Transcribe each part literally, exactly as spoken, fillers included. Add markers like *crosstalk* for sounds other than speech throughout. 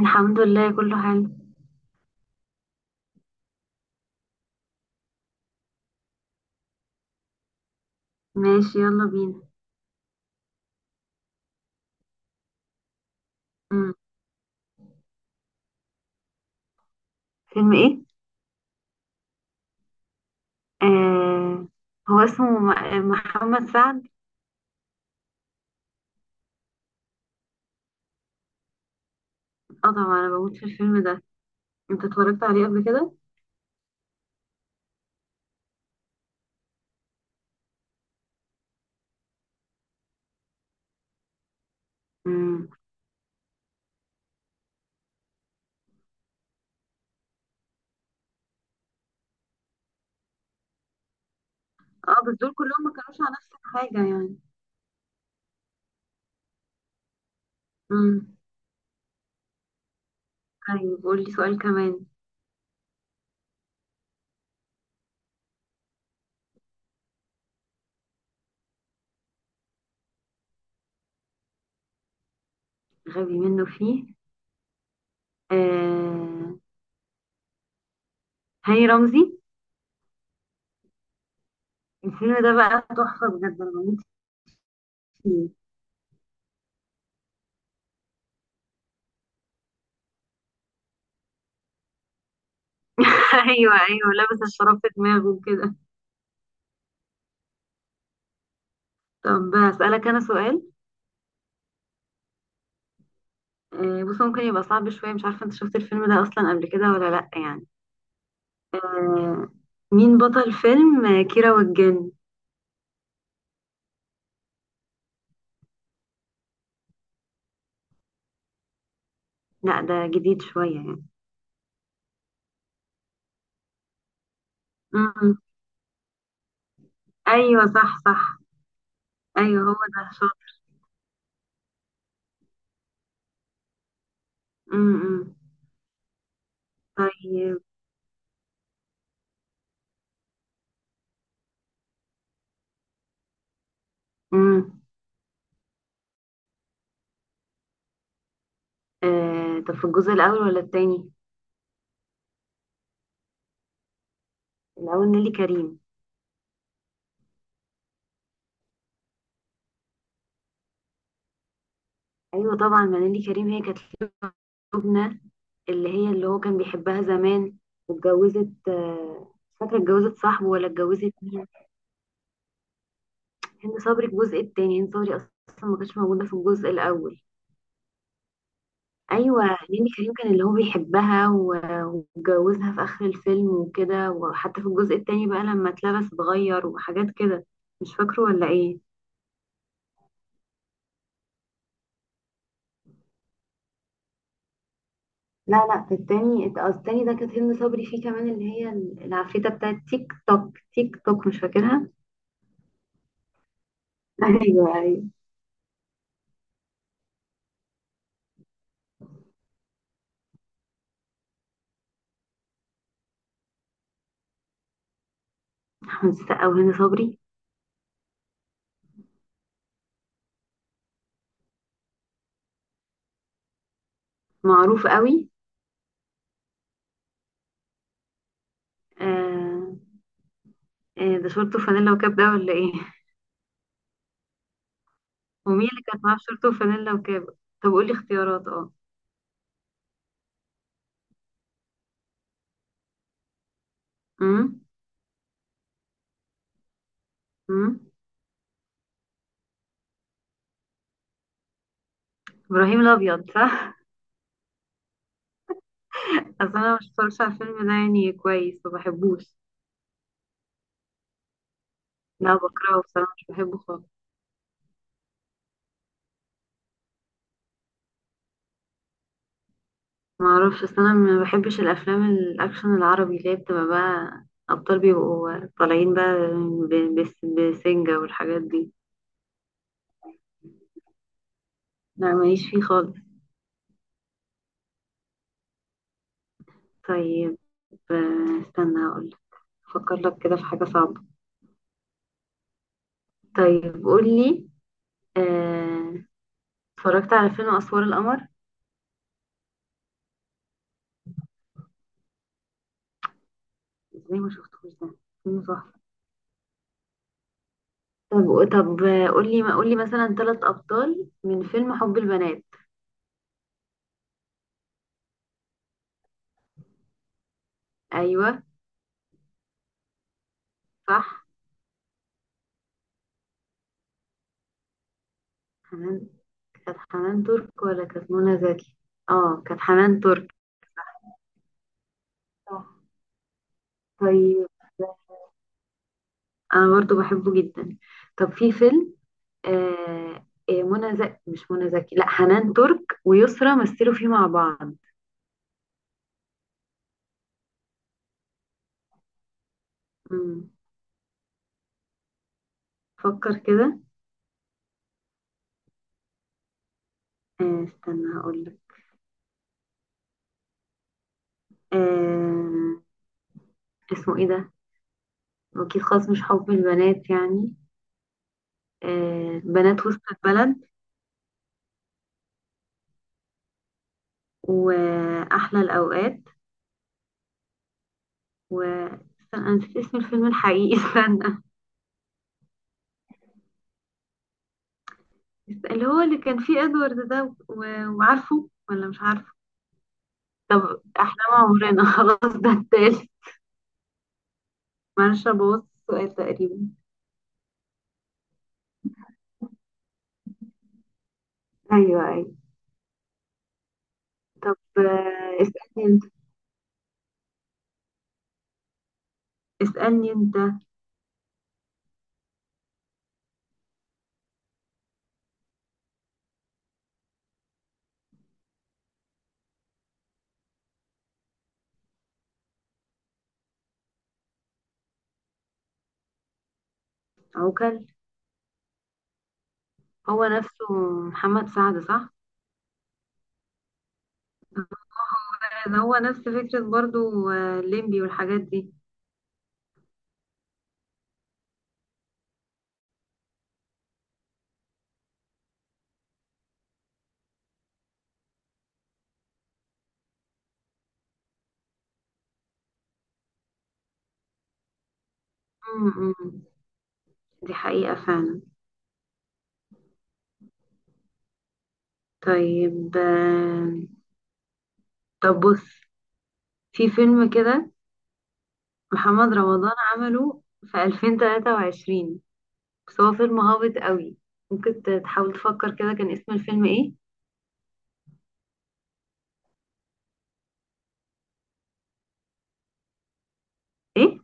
الحمد لله، كله حلو. ماشي، يلا بينا. مم. فيلم ايه؟ آه، هو اسمه م- محمد سعد. اه طبعا، انا بموت في الفيلم ده. انت اتفرجت عليه قبل كده؟ مم. اه بس دول كلهم ما كانوش على نفس الحاجة يعني. مم. طيب قول لي سؤال كمان. غبي منه فيه؟ آه، هاني رمزي. الفيلم ده بقى تحفة، بجد انا بموت فيه. *laughs* ايوه ايوه، لابس الشراب في دماغه وكده. طب هسألك انا سؤال. آه، بص، ممكن يبقى صعب شوية، مش عارفة انت شفت الفيلم ده اصلا قبل كده ولا لأ يعني. آه، مين بطل فيلم آه، كيرة والجن؟ لأ، ده جديد شوية يعني. امم. ايوه صح صح. ايوه هو ده شاطر. امم. طيب. امم. آه، طب في الجزء الاول ولا التاني؟ الاول نيلي كريم. ايوه طبعا، ما نيلي كريم هي كانت لبنى، اللي هي اللي هو كان بيحبها زمان. واتجوزت آه، مش فاكرة اتجوزت صاحبه ولا اتجوزت مين. هند صبري. الجزء التاني هند صبري، اصلا ما كانتش موجوده في الجزء الاول. ايوه، نيلي كريم كان اللي هو بيحبها و- واتجوزها في اخر الفيلم وكده، وحتى في الجزء التاني بقى لما اتلبس اتغير وحاجات كده. مش فاكره ولا ايه؟ لا لا، في التاني الت- التاني ده كانت هند صبري فيه كمان، اللي هي العفريتة بتاعت تيك توك تيك توك، مش فاكرها؟ *laughs* ايوه ايوه. احمد السقا وهند صبري؟ معروف قوي. آه. آه، ده شورت وفانيلا وكاب ده ولا ايه؟ ومين اللي كانت معاه بشورت وفانيلا وكاب؟ طب قولي اختيارات، اه. امم. امم. ابراهيم الابيض صح. اصل انا مش بتفرجش على الفيلم ده يعني كويس، ما بحبوش. لا بكرهه بصراحه، مش بحبه خالص. ما اعرفش، اصل انا ما بحبش الافلام الاكشن العربي اللي هي بتبقى بقى ابطال بيبقوا طالعين بقى ب- بس- بسنجة والحاجات دي. لا ماليش فيه خالص. طيب، آه، استنى اقول. افكر لك كده في حاجه صعبه. طيب قولي. آه، اتفرجت على فيلم اسوار القمر؟ ازاي ما شفتوش ده، فيلم تحفة. طب طب، قولي ما قولي مثلا ثلاث ابطال من فيلم حب البنات. ايوه صح. حنان. كانت حنان ترك ولا كانت منى زكي؟ اه كانت حنان ترك. صح. طيب. انا برضو بحبه جدا. طب في فيلم آه آه، منى زكي، مش منى زكي، لا، حنان ترك ويسرا مثلوا فيه مع بعض. مم. فكر كده. آه استنى هقول لك. آه، اسمه ايه ده؟ واكيد خلاص مش حب البنات يعني. آه، بنات وسط البلد، وأحلى الأوقات، و استنى، أنا نسيت اسم الفيلم الحقيقي. *laughs* استنى. اللي هو اللي كان فيه إدوارد ده و- وعارفه ولا مش عارفه. طب احنا مع عمرنا. *laughs* خلاص، ده التالت. معلش، أبوظ السؤال تقريبا. أيوه أيوه. طب، آه، اسألني أنت. اسألني أنت. عوكل؟ هو نفسه محمد سعد صح؟ *laughs* ده هو نفس فكرة برضو آه، الليمبي والحاجات دي. م- م. دي حقيقة فعلا. طيب، آه، طب بص، في فيلم كده محمد رمضان عمله في ألفين وتلاتة، بس هو فيلم هابط قوي. ممكن ت- تحاول تفكر كده كان اسم الفيلم ايه. ايه.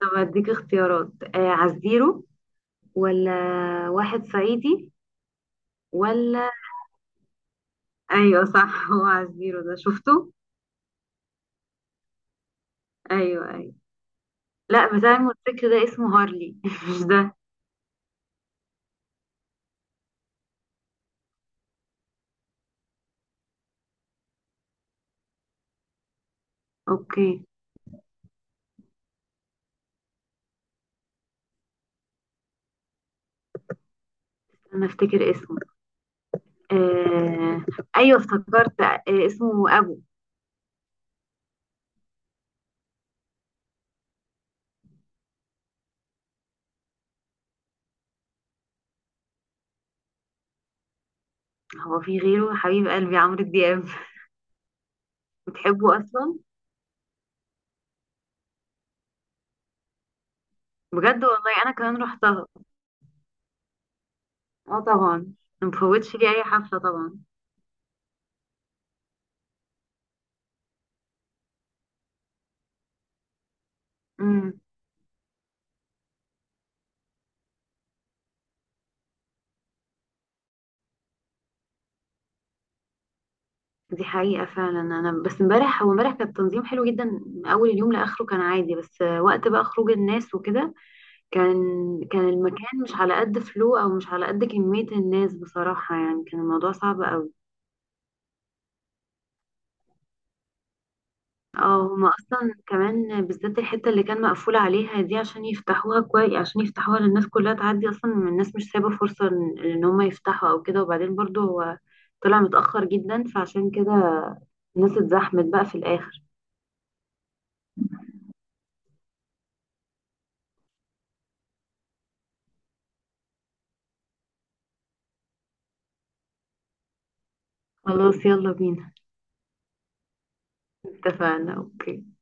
طب اديك اختيارات، آه، عزيرو، ولا واحد صعيدي، ولا ايوه صح. *laughs* هو عزيرو ده شفته؟ ايوه ايوه. لا، بتاع الموتوسيكل ده اسمه هارلي. *laughs* مش ده. اوكي. انا افتكر اسمه. آه... ايوه افتكرت، آه، اسمه ابو. هو في غيره حبيب قلبي عمرو دياب؟ *laughs* بتحبه اصلا؟ بجد والله انا كمان رحتها. اه طبعا، ما بفوتش لي اي حفله طبعا. امم. دي حقيقه فعلا. انا بس امبارح، هو امبارح كان التنظيم حلو جدا من اول اليوم لاخره، كان عادي، بس وقت بقى خروج الناس وكده كان كان المكان مش على قد فلو او مش على قد كميه الناس بصراحه، يعني كان الموضوع صعب قوي. اه هما اصلا كمان بالذات الحته اللي كان مقفول عليها دي، عشان يفتحوها كويس عشان يفتحوها للناس كلها تعدي، اصلا الناس مش سايبه فرصه ان إن هما يفتحوا او كده، وبعدين برضو هو طلع متاخر جدا، فعشان كده الناس اتزحمت بقى في الاخر. خلاص يلا بينا. اتفقنا اوكي.